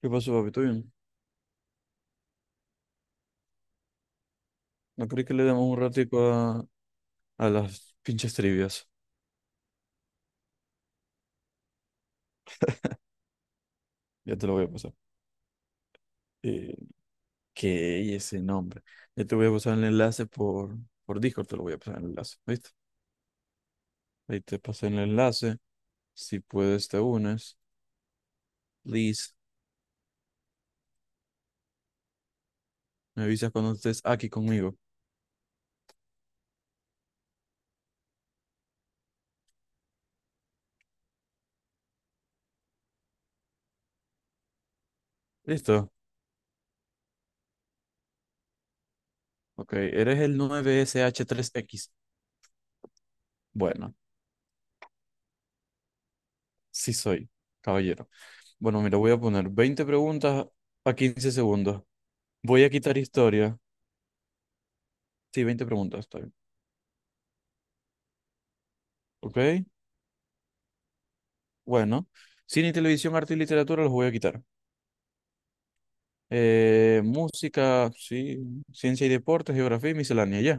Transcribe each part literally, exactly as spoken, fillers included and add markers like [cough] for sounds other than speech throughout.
¿Qué pasó, papi? ¿Todo bien? ¿No crees que le demos un ratico a, a las pinches trivias? Ya te lo voy a pasar. Eh, ¿qué es ese nombre? Ya te voy a pasar el enlace por, por Discord, te lo voy a pasar el enlace, ¿viste? Ahí te pasé el enlace. Si puedes, te unes. Please, me avisas cuando estés aquí conmigo. ¿Listo? Ok, eres el nueve S H tres x. Bueno, sí soy, caballero. Bueno, mira, voy a poner veinte preguntas a quince segundos. Voy a quitar historia. Sí, veinte preguntas, está bien. Ok, bueno. Cine y televisión, arte y literatura los voy a quitar. Eh, música, sí, ciencia y deportes, geografía y miscelánea, ya.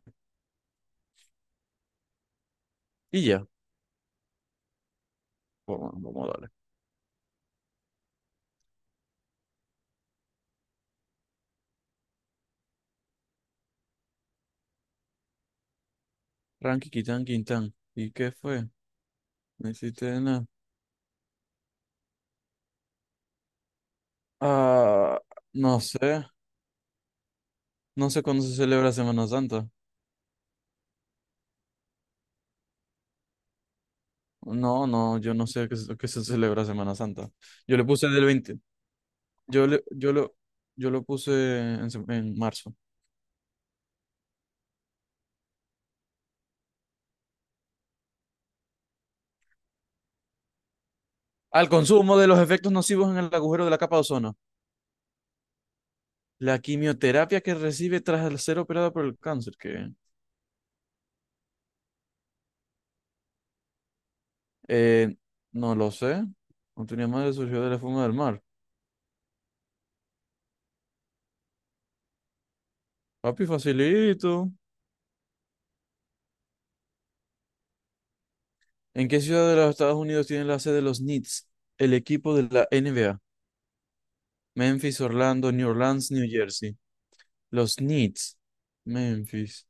Y ya. Vamos, vamos a darle. Ranky, quitán, quintán. ¿Y qué fue? No hiciste nada. Ah, no sé. No sé cuándo se celebra Semana Santa. No, no, yo no sé qué, se- qué se celebra Semana Santa. Yo le puse del veinte. Yo le, yo lo, yo lo puse en, se- en marzo. Al consumo de los efectos nocivos en el agujero de la capa de ozono. La quimioterapia que recibe tras ser operada por el cáncer, que eh, no lo sé. No tenía madre, surgió de la fuma del mar. Papi, facilito. ¿En qué ciudad de los Estados Unidos tiene la sede de los Knicks, el equipo de la N B A? Memphis, Orlando, New Orleans, New Jersey. Los Knicks. Memphis.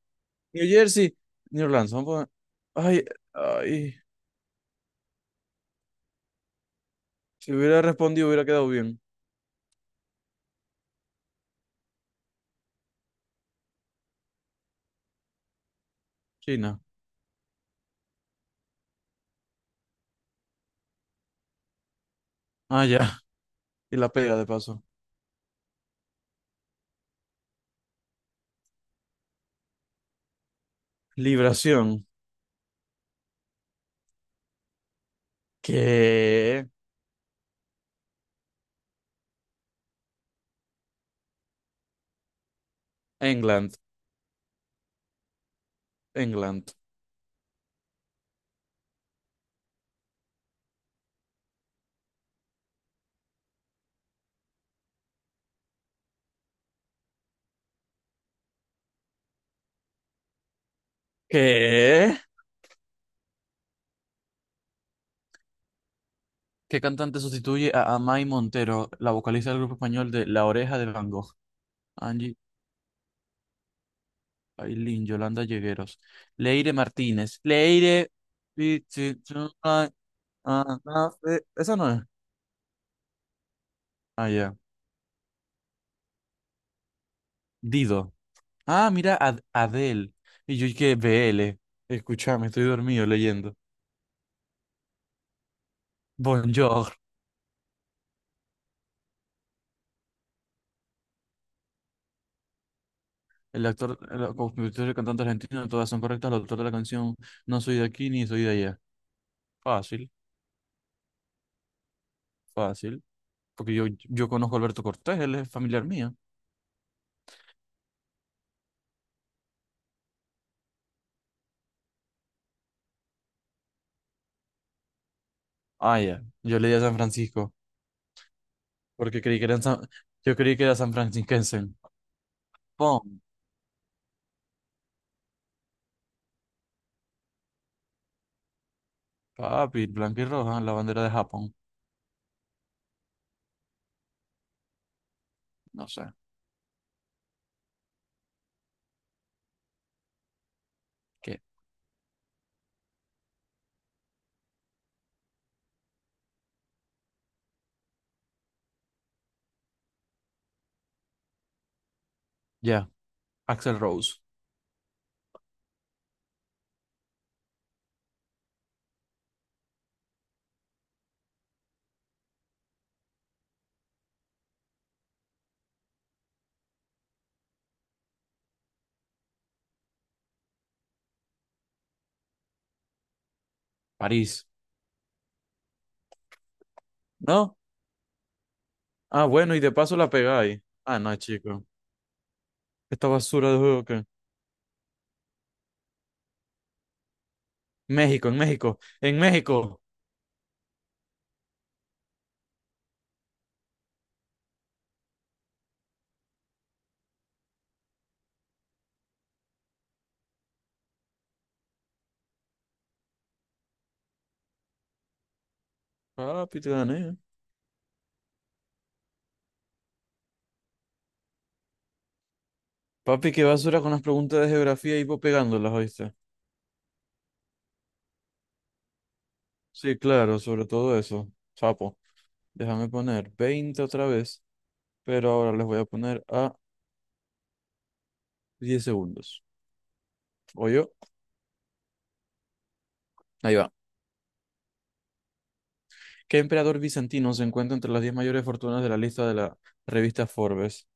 New Jersey, New Orleans. Vamos a... poner- Ay, ay. Si hubiera respondido, hubiera quedado bien. China. Ah, ya. Y la pega de paso. Libración. ¿Qué? England. England. ¿Qué? ¿Qué cantante sustituye a Amai Montero, la vocalista del grupo español de La Oreja de Van Gogh? Angie Ailín, Yolanda Llegueros, Leire Martínez, Leire... Pichi- Chuma- Ah, ah, eh, Esa no es. Ah, ya. Dido. Ah, mira, Ad- Adele. Y yo que B L. Escúchame, estoy dormido leyendo. Bonjour. El actor, el compositor y el cantante argentino, todas son correctas. El autor de la canción, no soy de aquí ni soy de allá. Fácil, fácil. Porque yo, yo conozco a Alberto Cortés, él es familiar mío. Ah, ya. Yo leí a San Francisco, porque creí que eran San- yo creí que era San Francisquense. Pon, papi, blanca y roja, la bandera de Japón. No sé. ¿Qué? Ya. Axel Rose. París. ¿No? Ah, bueno, y de paso la pegáis. Ah, no, chico. Esta basura de juego, que. México, en México, en México. Papi, te gané. Papi, qué basura con las preguntas de geografía, y vos pegándolas, ¿oíste? Sí, claro, sobre todo eso. Sapo. Déjame poner veinte otra vez, pero ahora les voy a poner a diez segundos. ¿Yo? Ahí va. ¿Qué emperador bizantino se encuentra entre las diez mayores fortunas de la lista de la revista Forbes?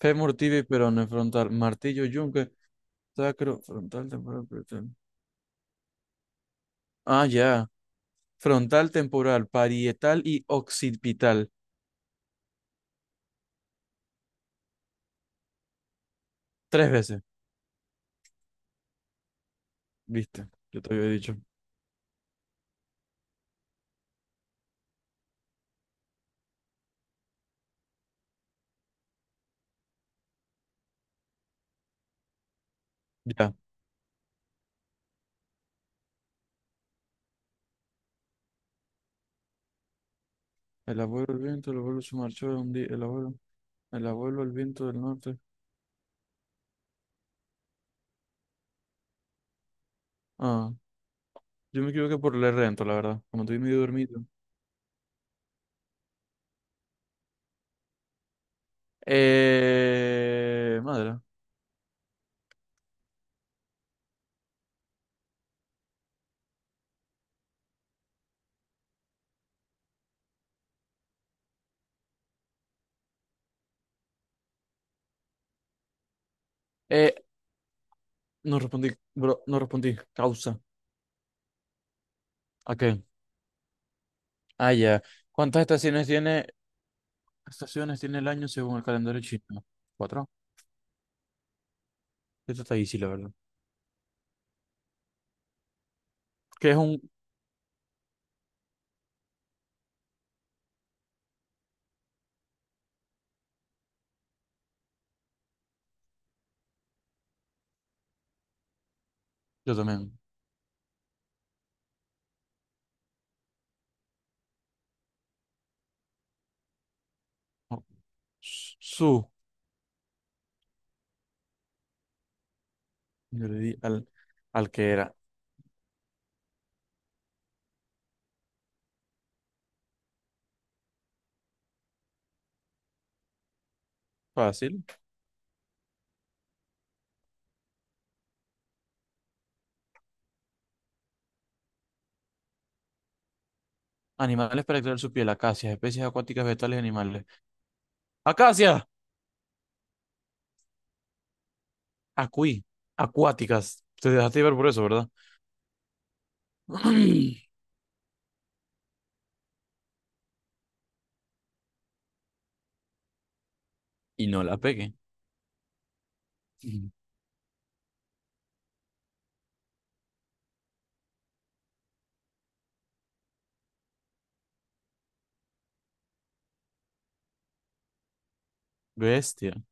Fémur, tibia y perone, frontal, martillo, yunque, sacro, frontal, temporal, parietal. Ah, ya. Frontal, temporal, parietal y occipital. Tres veces. ¿Viste? Yo te había dicho. Ya. El abuelo, el viento, el abuelo se marchó de un día. El abuelo, el abuelo, el viento del norte. Ah, yo me equivoqué por leer lento, la verdad. Como estoy medio dormido. Eh, madre. Eh, no respondí, bro, no respondí. Causa. ¿A qué? Ah, ya. ¿Cuántas estaciones tiene, estaciones tiene el año según el calendario chino? ¿Cuatro? Esto está easy, la verdad. ¿Qué es un...? Yo también. Oh, Su. Yo le di al, al que era. Fácil. Animales para extraer su piel. Acacias. Especies acuáticas, vegetales y animales. ¡Acacias! Acuí. Acuáticas. Te dejaste ver por eso, ¿verdad? [clears throat] Y no la pegué. Mm. Bestia.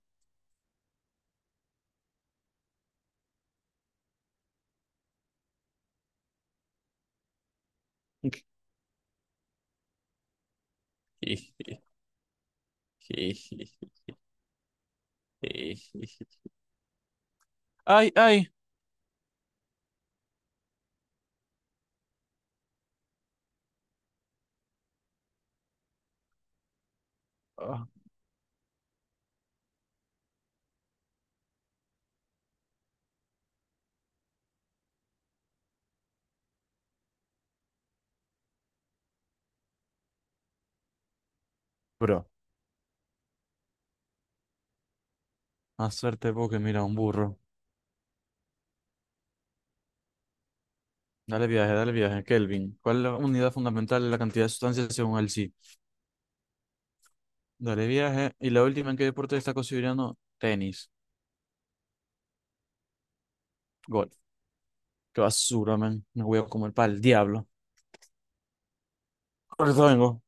[laughs] Ay, ay. Ah, bro, más suerte porque mira, un burro. Dale viaje, dale viaje, Kelvin. ¿Cuál es la unidad fundamental de la cantidad de sustancias según el sí? Dale viaje. Y la última, ¿en qué deporte está considerando? Tenis. Golf. Qué basura, man. Me voy a comer para el diablo. Ahorita vengo.